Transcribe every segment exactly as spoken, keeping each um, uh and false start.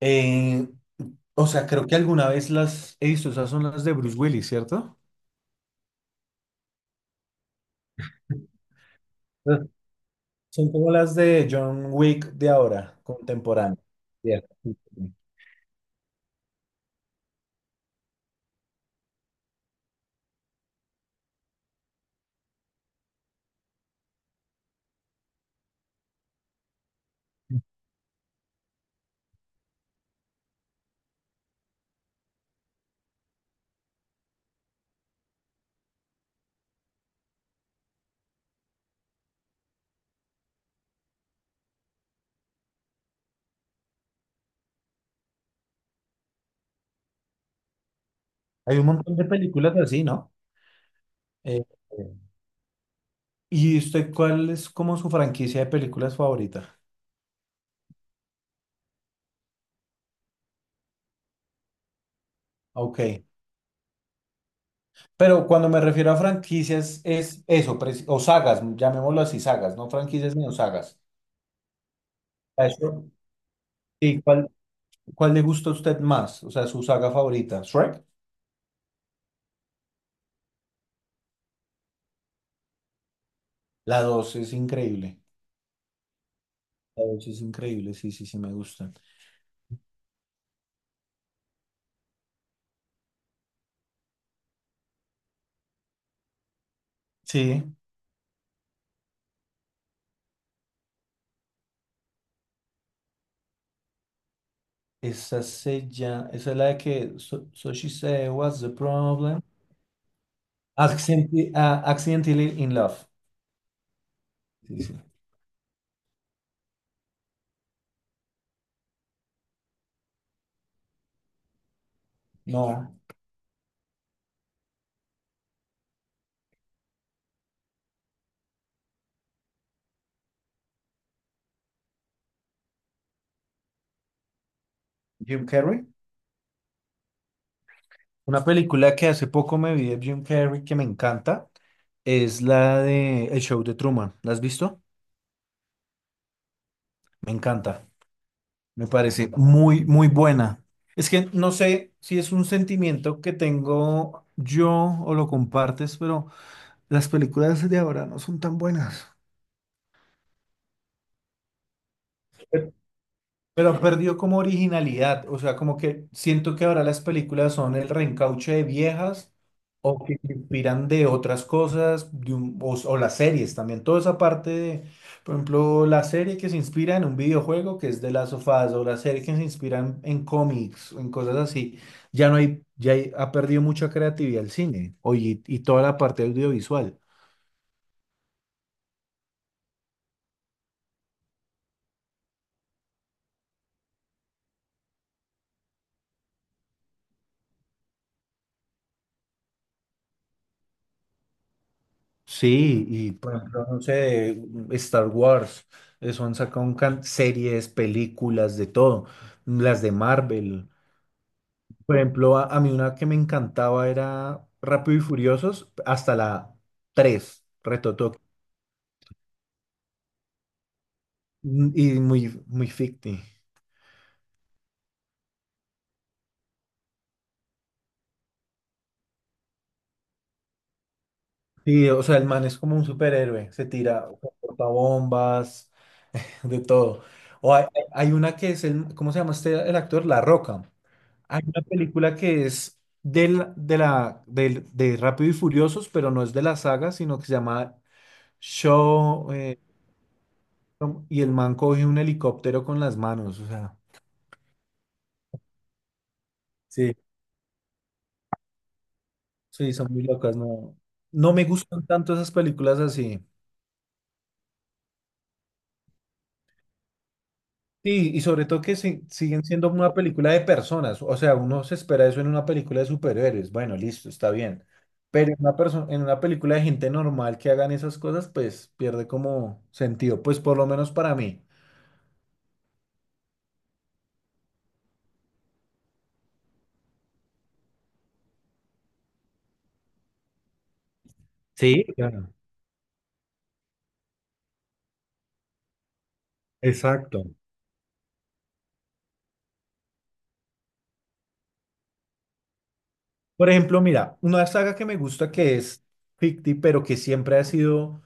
Eh, o sea, creo que alguna vez las he visto, esas son las de Bruce Willis, ¿cierto? Ah. Son como las de John Wick de ahora, contemporáneo. Cierto. Hay un montón de películas así, ¿no? Eh, ¿y usted cuál es como su franquicia de películas favorita? Ok. Pero cuando me refiero a franquicias es eso, preci- o sagas, llamémoslo así, sagas, no franquicias sino sagas. A eso. ¿Y cuál, cuál le gusta a usted más? O sea, su saga favorita. Shrek. La dos es increíble. Ouch, es increíble, sí, sí, sí, me gusta. Sí, esa se llama, esa es la de que, so, so she said, what's the problem? Accidenti- ah, accidentally in love. Sí, sí. No, Jim Carrey. Una película que hace poco me vi de Jim Carrey que me encanta es la de El Show de Truman. ¿La has visto? Me encanta. Me parece muy, muy buena. Es que no sé si es un sentimiento que tengo yo o lo compartes, pero las películas de ahora no son tan buenas. Pero pero perdió como originalidad, o sea, como que siento que ahora las películas son el reencauche de viejas o que se inspiran de otras cosas, de un- o, o las series también, toda esa parte de, por ejemplo, la serie que se inspira en un videojuego que es de las sofás o la serie que se inspira en, en cómics o en cosas así, ya no hay, ya hay- ha perdido mucha creatividad el cine o y y toda la parte audiovisual. Sí, y por ejemplo, no sé, Star Wars, eso han sacado un can- series, películas, de todo, las de Marvel. Por ejemplo, a, a mí una que me encantaba era Rápido y Furiosos, hasta la tres Reto Tokio, mm, y muy, muy ficti. Sí, o sea, el man es como un superhéroe, se tira, porta bombas, de todo. O hay, hay una que es el, ¿cómo se llama este, el actor? La Roca. Hay una película que es del, de la, del, de Rápido y Furiosos, pero no es de la saga, sino que se llama Show, eh, y el man coge un helicóptero con las manos. O sea, sí, sí, son muy locas. No, no me gustan tanto esas películas así. Sí, y sobre todo que si- siguen siendo una película de personas. O sea, uno se espera eso en una película de superhéroes. Bueno, listo, está bien. Pero en una perso- en una película de gente normal que hagan esas cosas, pues pierde como sentido, pues por lo menos para mí. Sí, claro. Exacto. Por ejemplo, mira, una saga que me gusta que es ficti, pero que siempre ha sido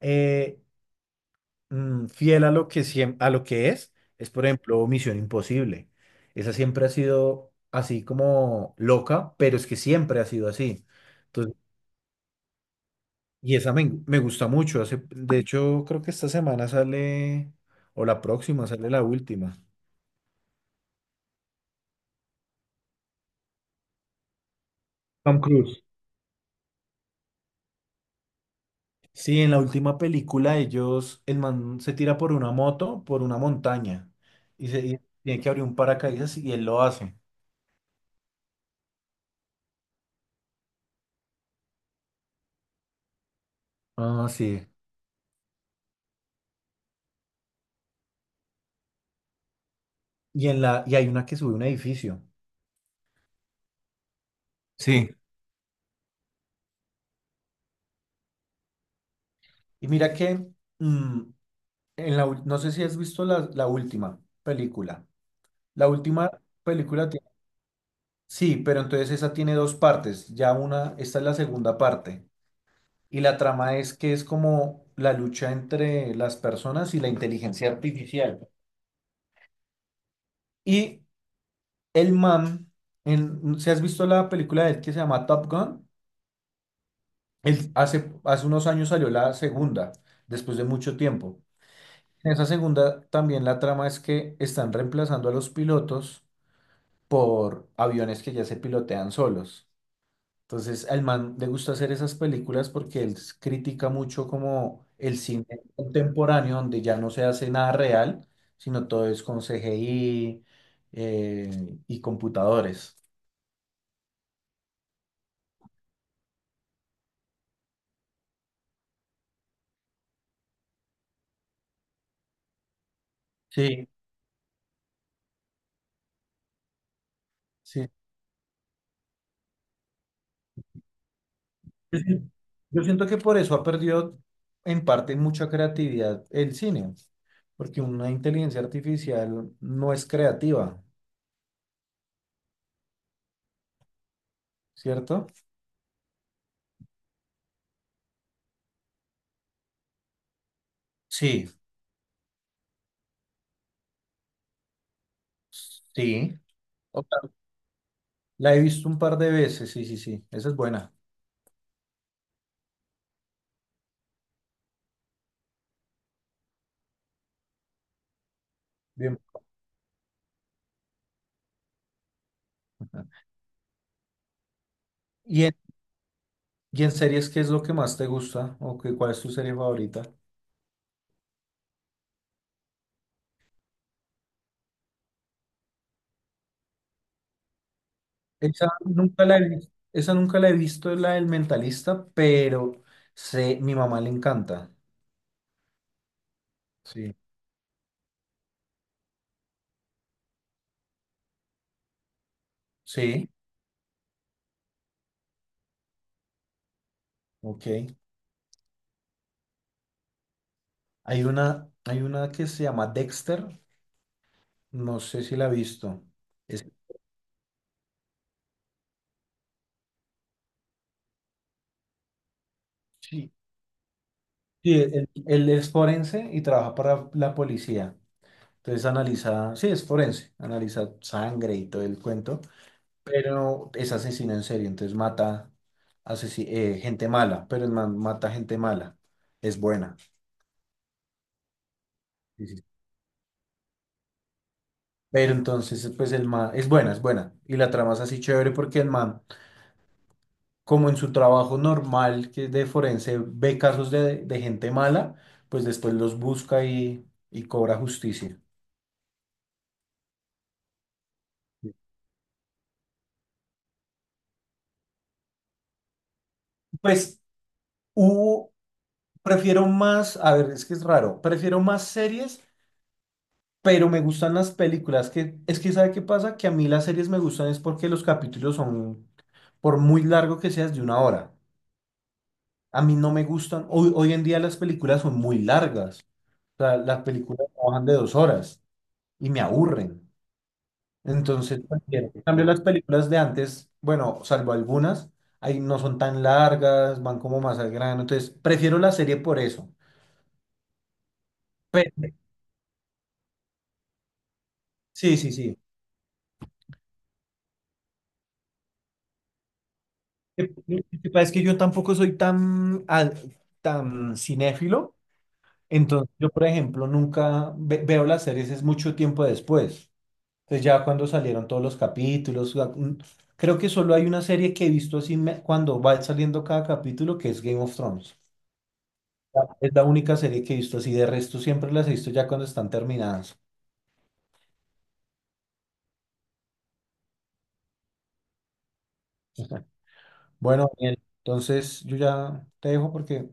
eh, mm, fiel a lo que, siem- a lo que es, es por ejemplo Misión Imposible. Esa siempre ha sido así como loca, pero es que siempre ha sido así. Entonces, y esa me, me gusta mucho. Hace, de hecho, creo que esta semana sale, o la próxima sale la última. Tom Cruise. Sí, en la última película ellos, el man se tira por una moto, por una montaña, y, se, y tiene que abrir un paracaídas y él lo hace. Ah, sí. Y, en la, y hay una que sube a un edificio. Sí. Y mira que, mm, en la, ul- no sé si has visto la, la última película. La última película tiene, sí, pero entonces esa tiene dos partes. Ya una, esta es la segunda parte. Y la trama es que es como la lucha entre las personas y la inteligencia artificial. Y el man, en, si has visto la película de él que se llama Top Gun, él hace, hace unos años salió la segunda, después de mucho tiempo. En esa segunda también la trama es que están reemplazando a los pilotos por aviones que ya se pilotean solos. Entonces, al man le gusta hacer esas películas porque él s- critica mucho como el cine contemporáneo, donde ya no se hace nada real, sino todo es con C G I eh, y computadores. Sí. Sí, Yo sien- yo siento que por eso ha perdido en parte mucha creatividad el cine, porque una inteligencia artificial no es creativa, ¿cierto? Sí, sí. O sea, la he visto un par de veces, sí, sí, sí, esa es buena. Bien. ¿Y en, y en series qué es lo que más te gusta o qué, cuál es tu serie favorita? Esa nunca la he visto, esa nunca la he visto, la del Mentalista, pero sé, mi mamá le encanta. Sí. Sí, ok. Hay una, hay una que se llama Dexter, no sé si la ha visto. Es, sí. Sí, él, él es forense y trabaja para la policía. Entonces analiza, sí, es forense, analiza sangre y todo el cuento, pero es asesino en serio, entonces mata asesi- eh, gente mala, pero el man mata gente mala, es buena. Sí, sí. Pero entonces, pues el man, es buena, es buena. Y la trama es así chévere porque el man como en su trabajo normal, que es de forense, ve casos de, de gente mala, pues después los busca y, y cobra justicia. Pues hubo, prefiero más, a ver, es que es raro, prefiero más series, pero me gustan las películas, que es que ¿sabe qué pasa? Que a mí las series me gustan es porque los capítulos son, por muy largo que seas, de una hora. A mí no me gustan, hoy, hoy en día las películas son muy largas, o sea, las películas trabajan de dos horas y me aburren. Entonces, cualquiera. En cambio, las películas de antes, bueno, salvo algunas, ahí no son tan largas, van como más al grano. Entonces, prefiero la serie por eso. Pero- sí, sí, sí. Eh, Lo que pasa es que yo tampoco soy tan, al- tan cinéfilo. Entonces, yo, por ejemplo, nunca ve- veo las series, es mucho tiempo después. Entonces, ya cuando salieron todos los capítulos, la- mm, creo que solo hay una serie que he visto así me- cuando va saliendo cada capítulo, que es Game of Thrones. Es la única serie que he visto así, de resto siempre las he visto ya cuando están terminadas. Bueno, Daniel, entonces yo ya te dejo porque